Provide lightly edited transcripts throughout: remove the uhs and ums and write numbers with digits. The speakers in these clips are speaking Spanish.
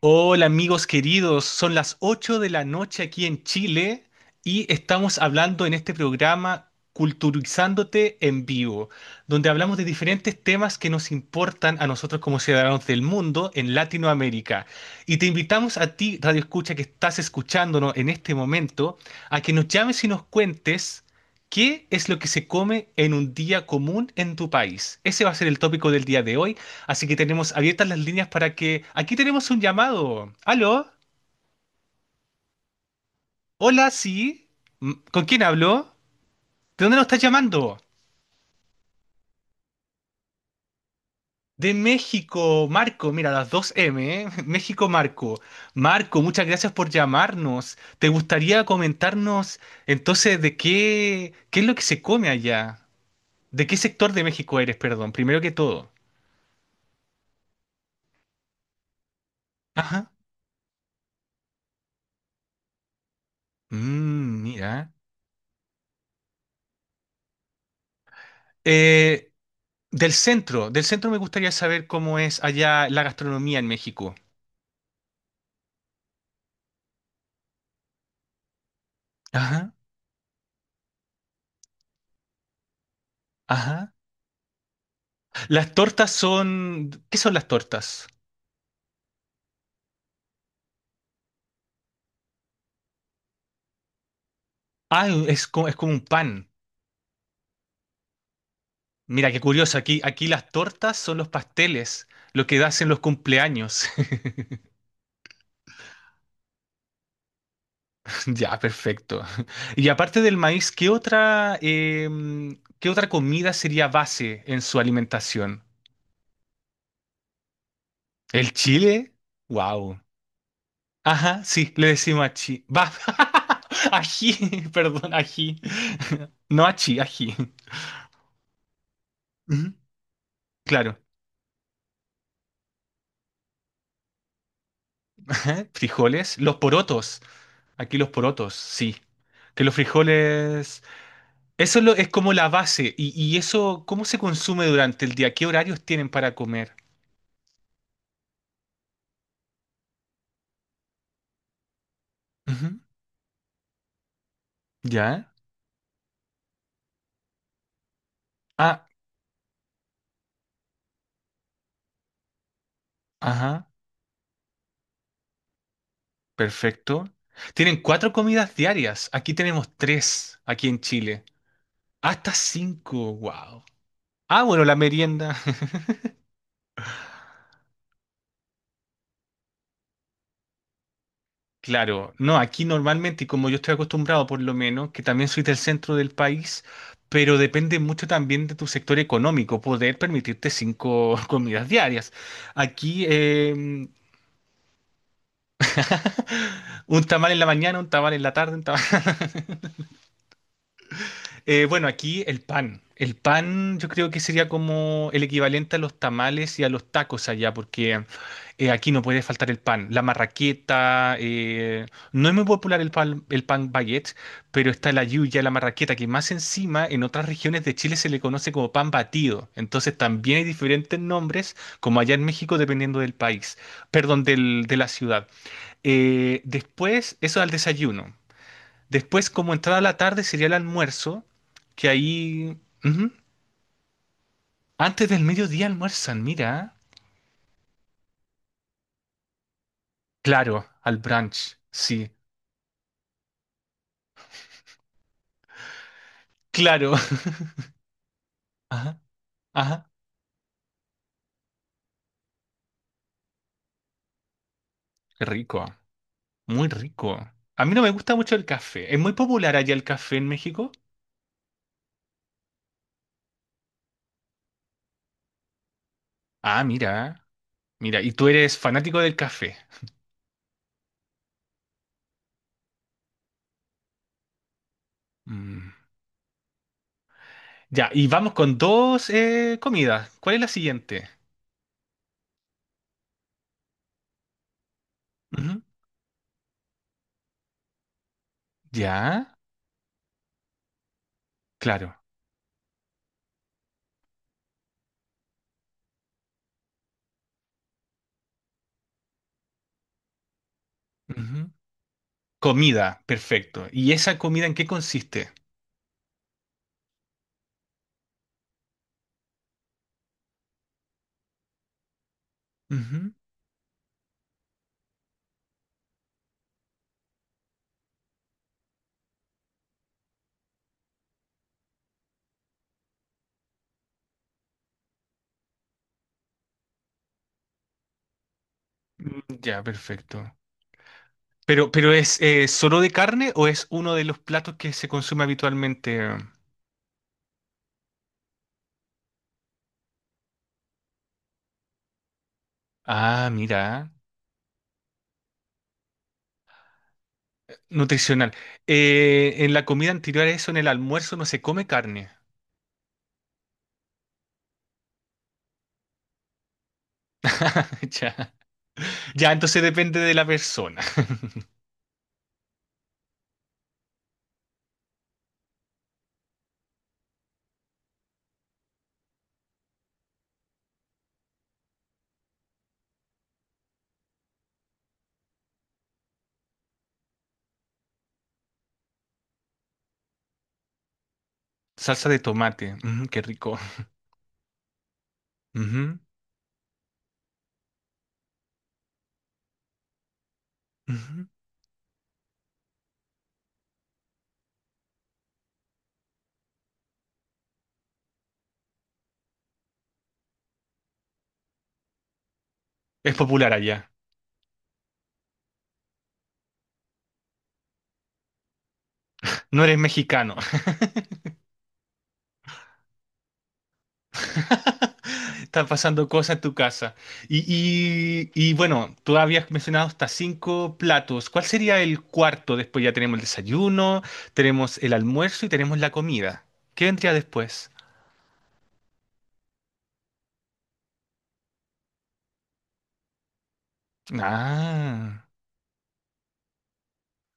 Hola amigos queridos, son las 8 de la noche aquí en Chile y estamos hablando en este programa Culturizándote en vivo, donde hablamos de diferentes temas que nos importan a nosotros como ciudadanos del mundo en Latinoamérica. Y te invitamos a ti, Radio Escucha, que estás escuchándonos en este momento, a que nos llames y nos cuentes qué es lo que se come en un día común en tu país. Ese va a ser el tópico del día de hoy. Así que tenemos abiertas las líneas para que. Aquí tenemos un llamado. ¿Aló? Hola, sí. ¿Con quién hablo? ¿De dónde nos estás llamando? De México, Marco. Mira, las dos M, ¿eh? México, Marco. Marco, muchas gracias por llamarnos. ¿Te gustaría comentarnos entonces de qué es lo que se come allá? ¿De qué sector de México eres, perdón? Primero que todo. Ajá. Mm, mira. Eh, del centro me gustaría saber cómo es allá la gastronomía en México. Ajá, ajá. Las tortas son. ¿Qué son las tortas? Ah, es como un pan. Mira, qué curioso. Aquí las tortas son los pasteles, lo que das en los cumpleaños. Ya, perfecto. Y aparte del maíz, ¿qué otra comida sería base en su alimentación? ¿El chile? Wow. Ajá, sí, le decimos achi. Va. Ají, perdón, ají. No achi, ají. Ujú, claro. Frijoles, los porotos. Aquí los porotos, sí. Que los frijoles. Eso es es como la base. Y eso, ¿cómo se consume durante el día? ¿Qué horarios tienen para comer? Ujú. ¿Ya? Ah, ajá. Perfecto. Tienen cuatro comidas diarias. Aquí tenemos tres, aquí en Chile. Hasta cinco. Wow. Ah, bueno, la merienda. Claro, no, aquí normalmente, y como yo estoy acostumbrado por lo menos, que también soy del centro del país, pero depende mucho también de tu sector económico, poder permitirte cinco comidas diarias. Aquí un tamal en la mañana, un tamal en la tarde, un tamal. Bueno, aquí el pan. El pan yo creo que sería como el equivalente a los tamales y a los tacos allá, porque aquí no puede faltar el pan. La marraqueta, no es muy popular el pan baguette, pero está la lluvia, la marraqueta, que más encima en otras regiones de Chile se le conoce como pan batido. Entonces también hay diferentes nombres, como allá en México, dependiendo del país, perdón, de la ciudad. Después, eso al desayuno. Después, como entrada la tarde, sería el almuerzo, que ahí. Ujú. Antes del mediodía almuerzan, mira. Claro, al brunch, sí. Claro. Ajá, ajá. Qué rico, muy rico. A mí no me gusta mucho el café. ¿Es muy popular allá el café en México? Ah, mira, mira. Y tú eres fanático del café. Mm. Ya, y vamos con dos comidas. ¿Cuál es la siguiente? Ujú. Ya, claro. Ujú. Comida, perfecto. ¿Y esa comida en qué consiste? Ujú. Mm, ya, perfecto. Pero ¿es solo de carne o es uno de los platos que se consume habitualmente? Ah, mira, nutricional. En la comida anterior a eso, en el almuerzo, no se come carne. Ya, ya, entonces depende de la persona. Salsa de tomate, ujú, qué rico. Ujú, ujú. Es popular allá. No eres mexicano. Están pasando cosas en tu casa. Y, y bueno, tú habías mencionado hasta cinco platos. ¿Cuál sería el cuarto? Después ya tenemos el desayuno, tenemos el almuerzo y tenemos la comida. ¿Qué vendría después? Ah,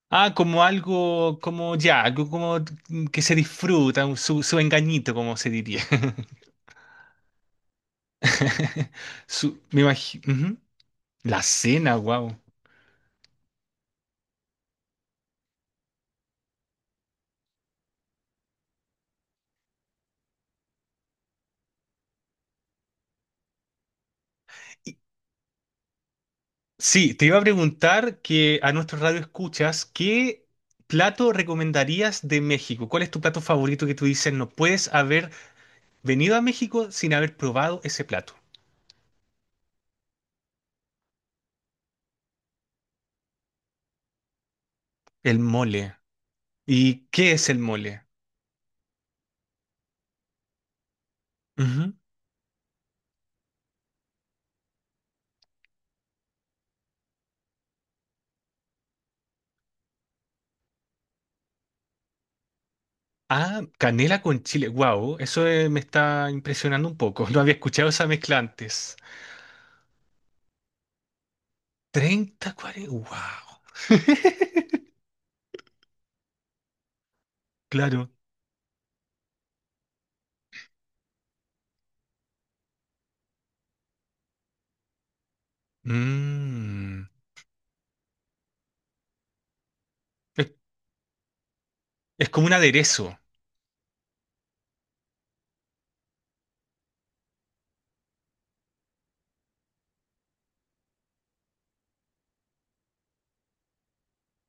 ah, como algo, como ya, algo como que se disfruta, su engañito, como se diría. Su, me imagino. La cena, wow. Sí, te iba a preguntar que a nuestro radio escuchas, ¿qué plato recomendarías de México? ¿Cuál es tu plato favorito que tú dices no puedes haber venido a México sin haber probado ese plato? El mole. ¿Y qué es el mole? Ujú. Ah, canela con chile. Wow, eso me está impresionando un poco. No había escuchado esa mezcla antes. 30, 40. Wow. Claro. Mm. Es, es como un aderezo.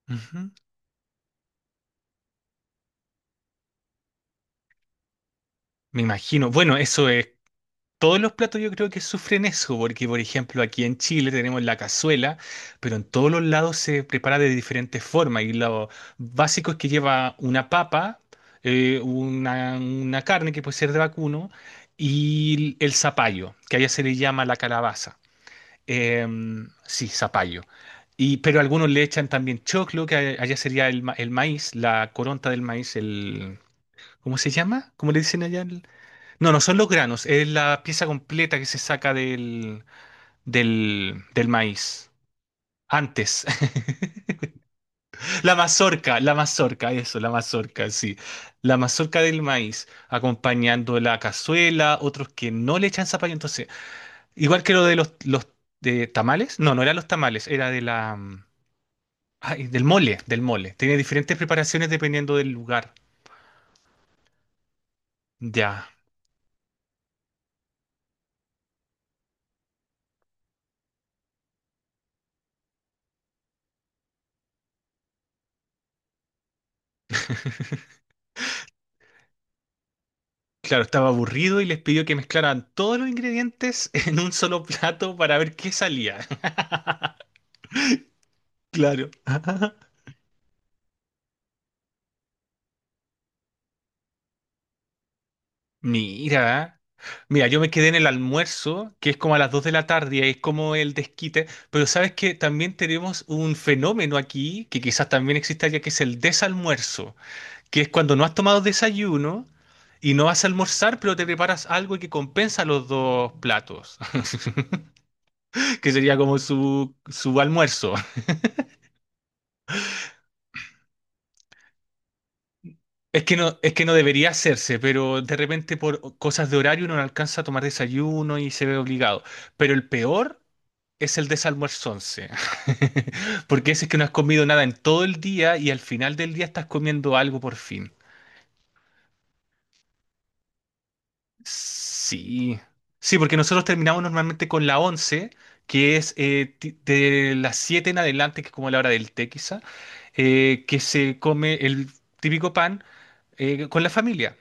Ujú. Me imagino. Bueno, eso es. Todos los platos yo creo que sufren eso, porque por ejemplo aquí en Chile tenemos la cazuela, pero en todos los lados se prepara de diferentes formas y lo básico es que lleva una papa, una carne que puede ser de vacuno y el zapallo, que allá se le llama la calabaza. Sí, zapallo. Y, pero algunos le echan también choclo, que allá sería el maíz, la coronta del maíz, el. ¿Cómo se llama? ¿Cómo le dicen allá? No, no son los granos, es la pieza completa que se saca del, maíz. Antes, la mazorca, eso, la mazorca, sí. La mazorca del maíz, acompañando la cazuela, otros que no le echan zapallo. Entonces, igual que lo de los de tamales, no, no eran los tamales, era de la, ay, del mole. Tiene diferentes preparaciones dependiendo del lugar. Ya. Claro, estaba aburrido y les pidió que mezclaran todos los ingredientes en un solo plato para ver qué salía. Claro. Mira, mira, yo me quedé en el almuerzo, que es como a las 2 de la tarde, y ahí es como el desquite, pero sabes que también tenemos un fenómeno aquí, que quizás también existe allá, que es el desalmuerzo, que es cuando no has tomado desayuno y no vas a almorzar, pero te preparas algo que compensa los dos platos, que sería como su almuerzo. Es que no debería hacerse, pero de repente por cosas de horario uno no alcanza a tomar desayuno y se ve obligado. Pero el peor. Es el desalmuerzonce. Porque ese es que no has comido nada en todo el día y al final del día estás comiendo algo por fin. Sí. Sí, porque nosotros terminamos normalmente con la 11, que es de las 7 en adelante, que es como la hora del té quizá, que se come el típico pan con la familia.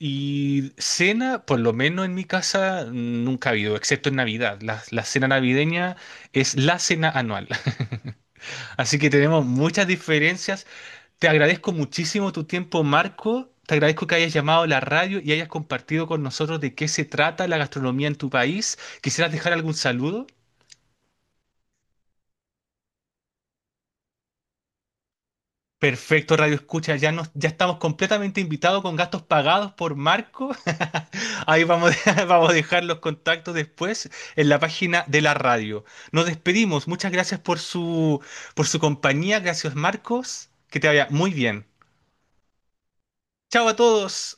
Y cena, por lo menos en mi casa, nunca ha habido, excepto en Navidad. La cena navideña es la cena anual. Así que tenemos muchas diferencias. Te agradezco muchísimo tu tiempo, Marco. Te agradezco que hayas llamado a la radio y hayas compartido con nosotros de qué se trata la gastronomía en tu país. ¿Quisieras dejar algún saludo? Perfecto, Radio Escucha. Ya, ya estamos completamente invitados con gastos pagados por Marco. Ahí vamos, vamos a dejar los contactos después en la página de la radio. Nos despedimos. Muchas gracias por su compañía. Gracias, Marcos. Que te vaya muy bien. Chao a todos.